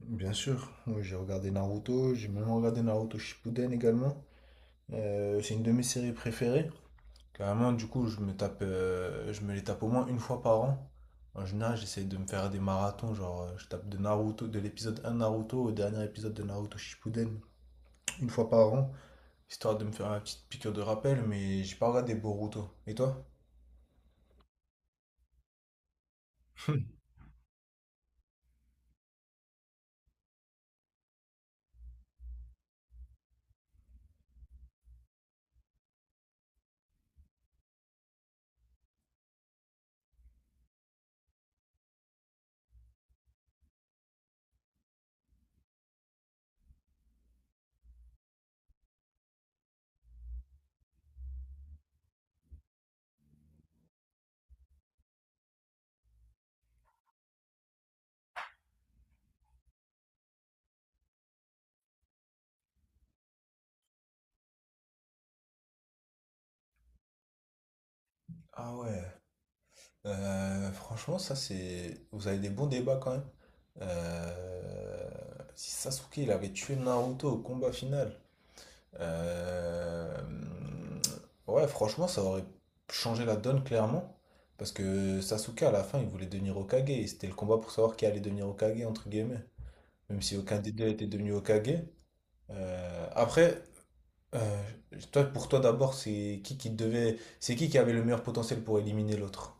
Bien sûr, oui, j'ai regardé Naruto, j'ai même regardé Naruto Shippuden également. C'est une de mes séries préférées. Carrément, du coup, je me les tape au moins une fois par an. En général, j'essaie de me faire des marathons, genre je tape de Naruto, de l'épisode 1 Naruto au dernier épisode de Naruto Shippuden, une fois par an, histoire de me faire une petite piqûre de rappel, mais j'ai pas regardé Boruto. Et toi? Ah ouais. Franchement, ça c'est. Vous avez des bons débats quand même. Euh, Si Sasuke il avait tué Naruto au combat final. euh, Ouais, franchement, ça aurait changé la donne clairement. Parce que Sasuke à la fin il voulait devenir Hokage. Et c'était le combat pour savoir qui allait devenir Hokage entre guillemets. Même si aucun des deux était devenu Hokage. Après, euh, toi, pour toi d'abord, c'est qui devait. C'est qui avait le meilleur potentiel pour éliminer l'autre?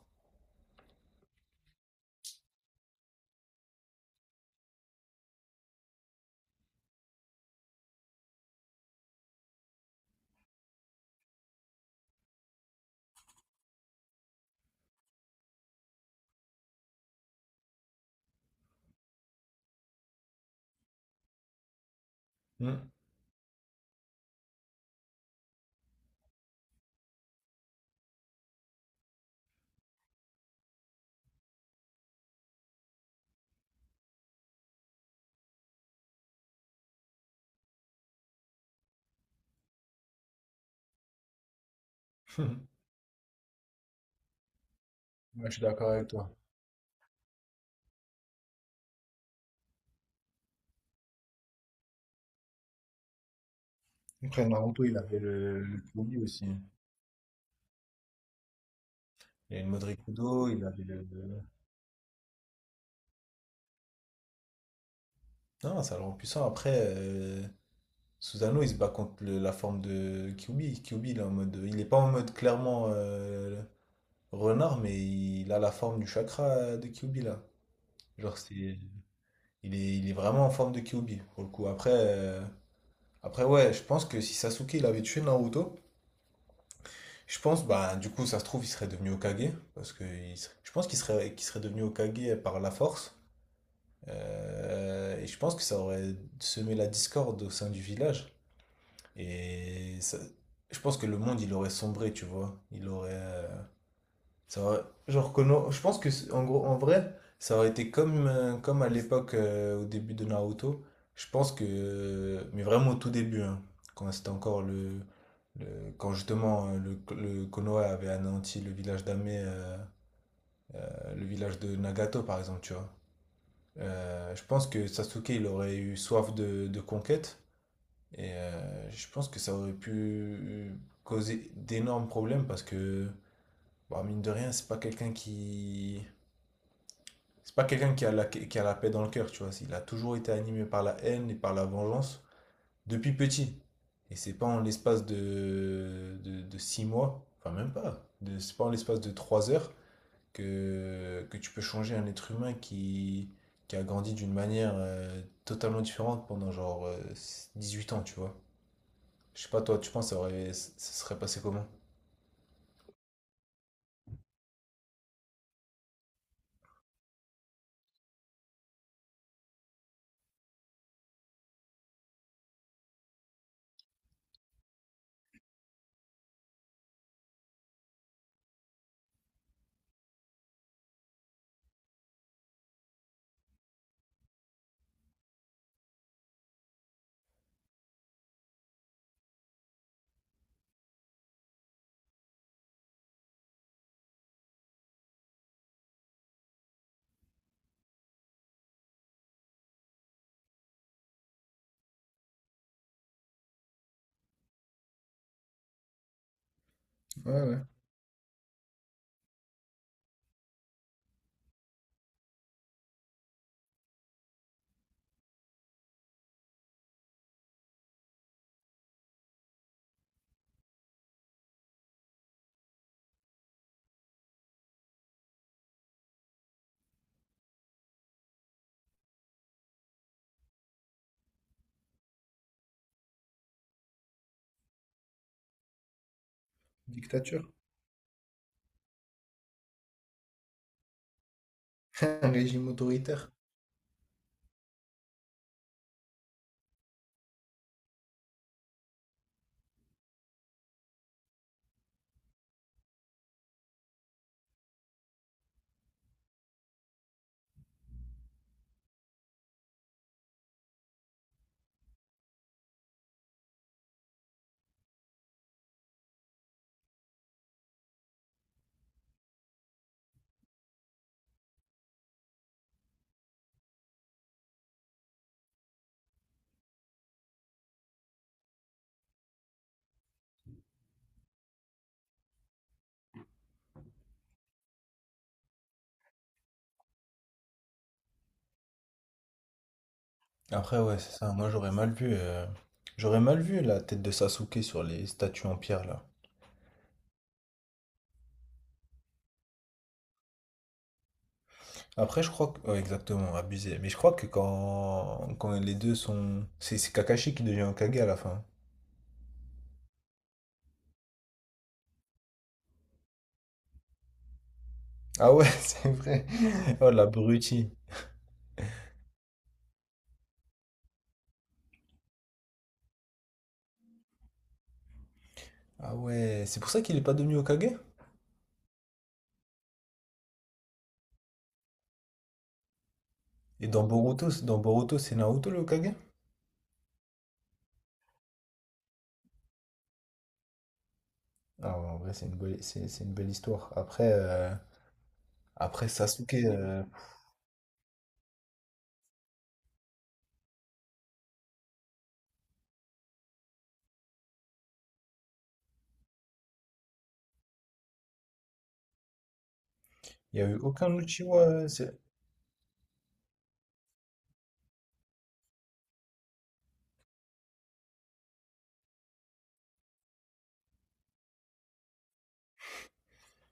Hmm. Il avait le Pioli aussi. Il avait Modric-Kudo, il avait le. Non, ça le rend puissant. Après, susano, il se bat contre la forme de Kyubi. Kyubi, il est en mode, il est pas en mode clairement renard, mais il a la forme du chakra de Kyubi là. Genre, c'est, il est vraiment en forme de Kyubi pour le coup. Après ouais, je pense que si Sasuke il avait tué Naruto, je pense, bah, du coup, ça se trouve, il serait devenu Hokage parce que il serait- je pense qu'il serait devenu Hokage par la force. Et je pense que ça aurait semé la discorde au sein du village. Et ça- je pense que le monde, il aurait sombré, tu vois. Il aurait. Ça aurait- genre, que non- Je pense que, en gros, en vrai, ça aurait été comme à l'époque, au début de Naruto. Je pense que. Mais vraiment au tout début, hein, quand c'était encore le. Quand justement le Konoha avait anéanti le village d'Ame, le village de Nagato par exemple, tu vois. Je pense que Sasuke, il aurait eu soif de conquête. Et je pense que ça aurait pu causer d'énormes problèmes parce que, bah, mine de rien, C'est pas quelqu'un qui a la paix dans le cœur, tu vois. Il a toujours été animé par la haine et par la vengeance depuis petit. Et c'est pas en l'espace de six mois, enfin même pas, c'est pas en l'espace de trois heures que tu peux changer un être humain qui a grandi d'une manière totalement différente pendant genre huit ans, tu vois. Je sais pas, toi, tu penses que ça serait passé comment? Ouais, ouais. Dictature. Un régime autoritaire. Après, ouais, c'est ça. Moi, j'aurais mal vu la tête de Sasuke sur les statues en pierre, là. Après, je crois que... ouais, exactement, abusé. Mais je crois que quand les deux sont... c'est Kakashi qui devient Hokage à la fin. Ah ouais, c'est vrai. Oh, l'abruti. Ah ouais, c'est pour ça qu'il est pas devenu Hokage? Et dans Boruto, dans Boruto, c'est Naruto le Hokage? Ah ouais, en vrai, c'est une belle histoire. Après Sasuke, il n'y a eu aucun Uchiwa.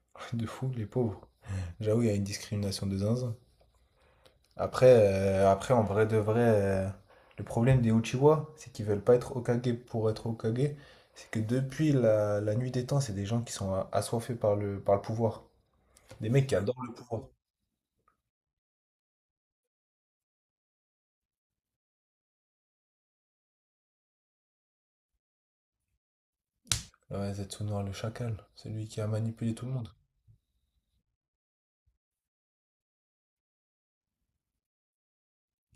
De fou, les pauvres. J'avoue, il y a une discrimination de zinzin. Après en vrai de vrai, le problème des Uchiwa, c'est qu'ils veulent pas être Hokage pour être Hokage. C'est que depuis la nuit des temps, c'est des gens qui sont assoiffés par par le pouvoir. Des mecs qui adorent le pouvoir. Ouais, Zetsunor le chacal, celui qui a manipulé tout le monde.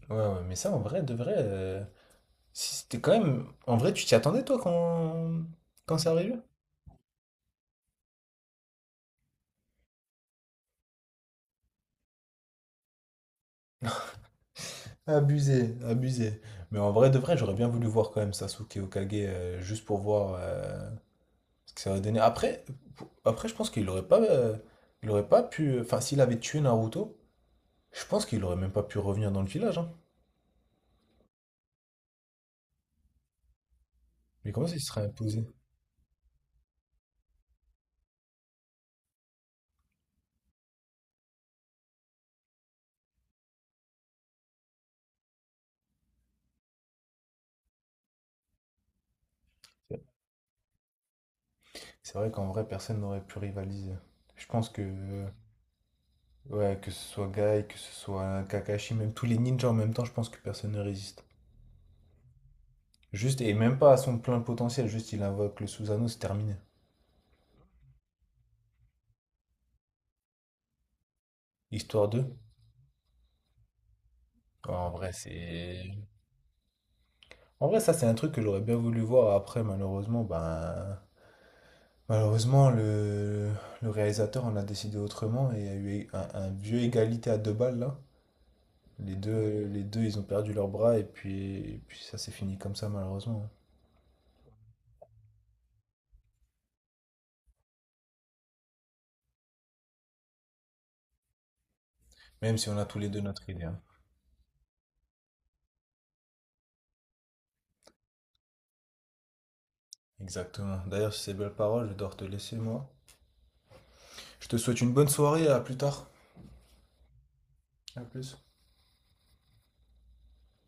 Ouais, ouais, mais ça en vrai, de vrai, si c'était quand même. En vrai, tu t'y attendais toi quand. Quand c'est arrivé? Abusé, abusé. Mais en vrai, de vrai, j'aurais bien voulu voir quand même Sasuke Hokage juste pour voir ce que ça aurait donné. Après, après je pense qu'il aurait pas. Il aurait pas pu. Enfin, s'il avait tué Naruto, je pense qu'il aurait même pas pu revenir dans le village, hein. Mais comment ça, il se serait imposé? C'est vrai qu'en vrai, personne n'aurait pu rivaliser. Je pense que. Ouais, que ce soit Guy, que ce soit Kakashi, même tous les ninjas en même temps, je pense que personne ne résiste. Juste, et même pas à son plein potentiel, juste il invoque le Susanoo, c'est terminé. Histoire 2. En vrai, c'est. En vrai, ça, c'est un truc que j'aurais bien voulu voir après, malheureusement, ben. Malheureusement, le réalisateur en a décidé autrement et il y a eu un vieux égalité à deux balles là. Les deux, ils ont perdu leurs bras et puis ça s'est fini comme ça, malheureusement. Même si on a tous les deux notre idée. Hein. Exactement. D'ailleurs, sur ces belles paroles, je dois te laisser, moi. Je te souhaite une bonne soirée, à plus tard. À plus.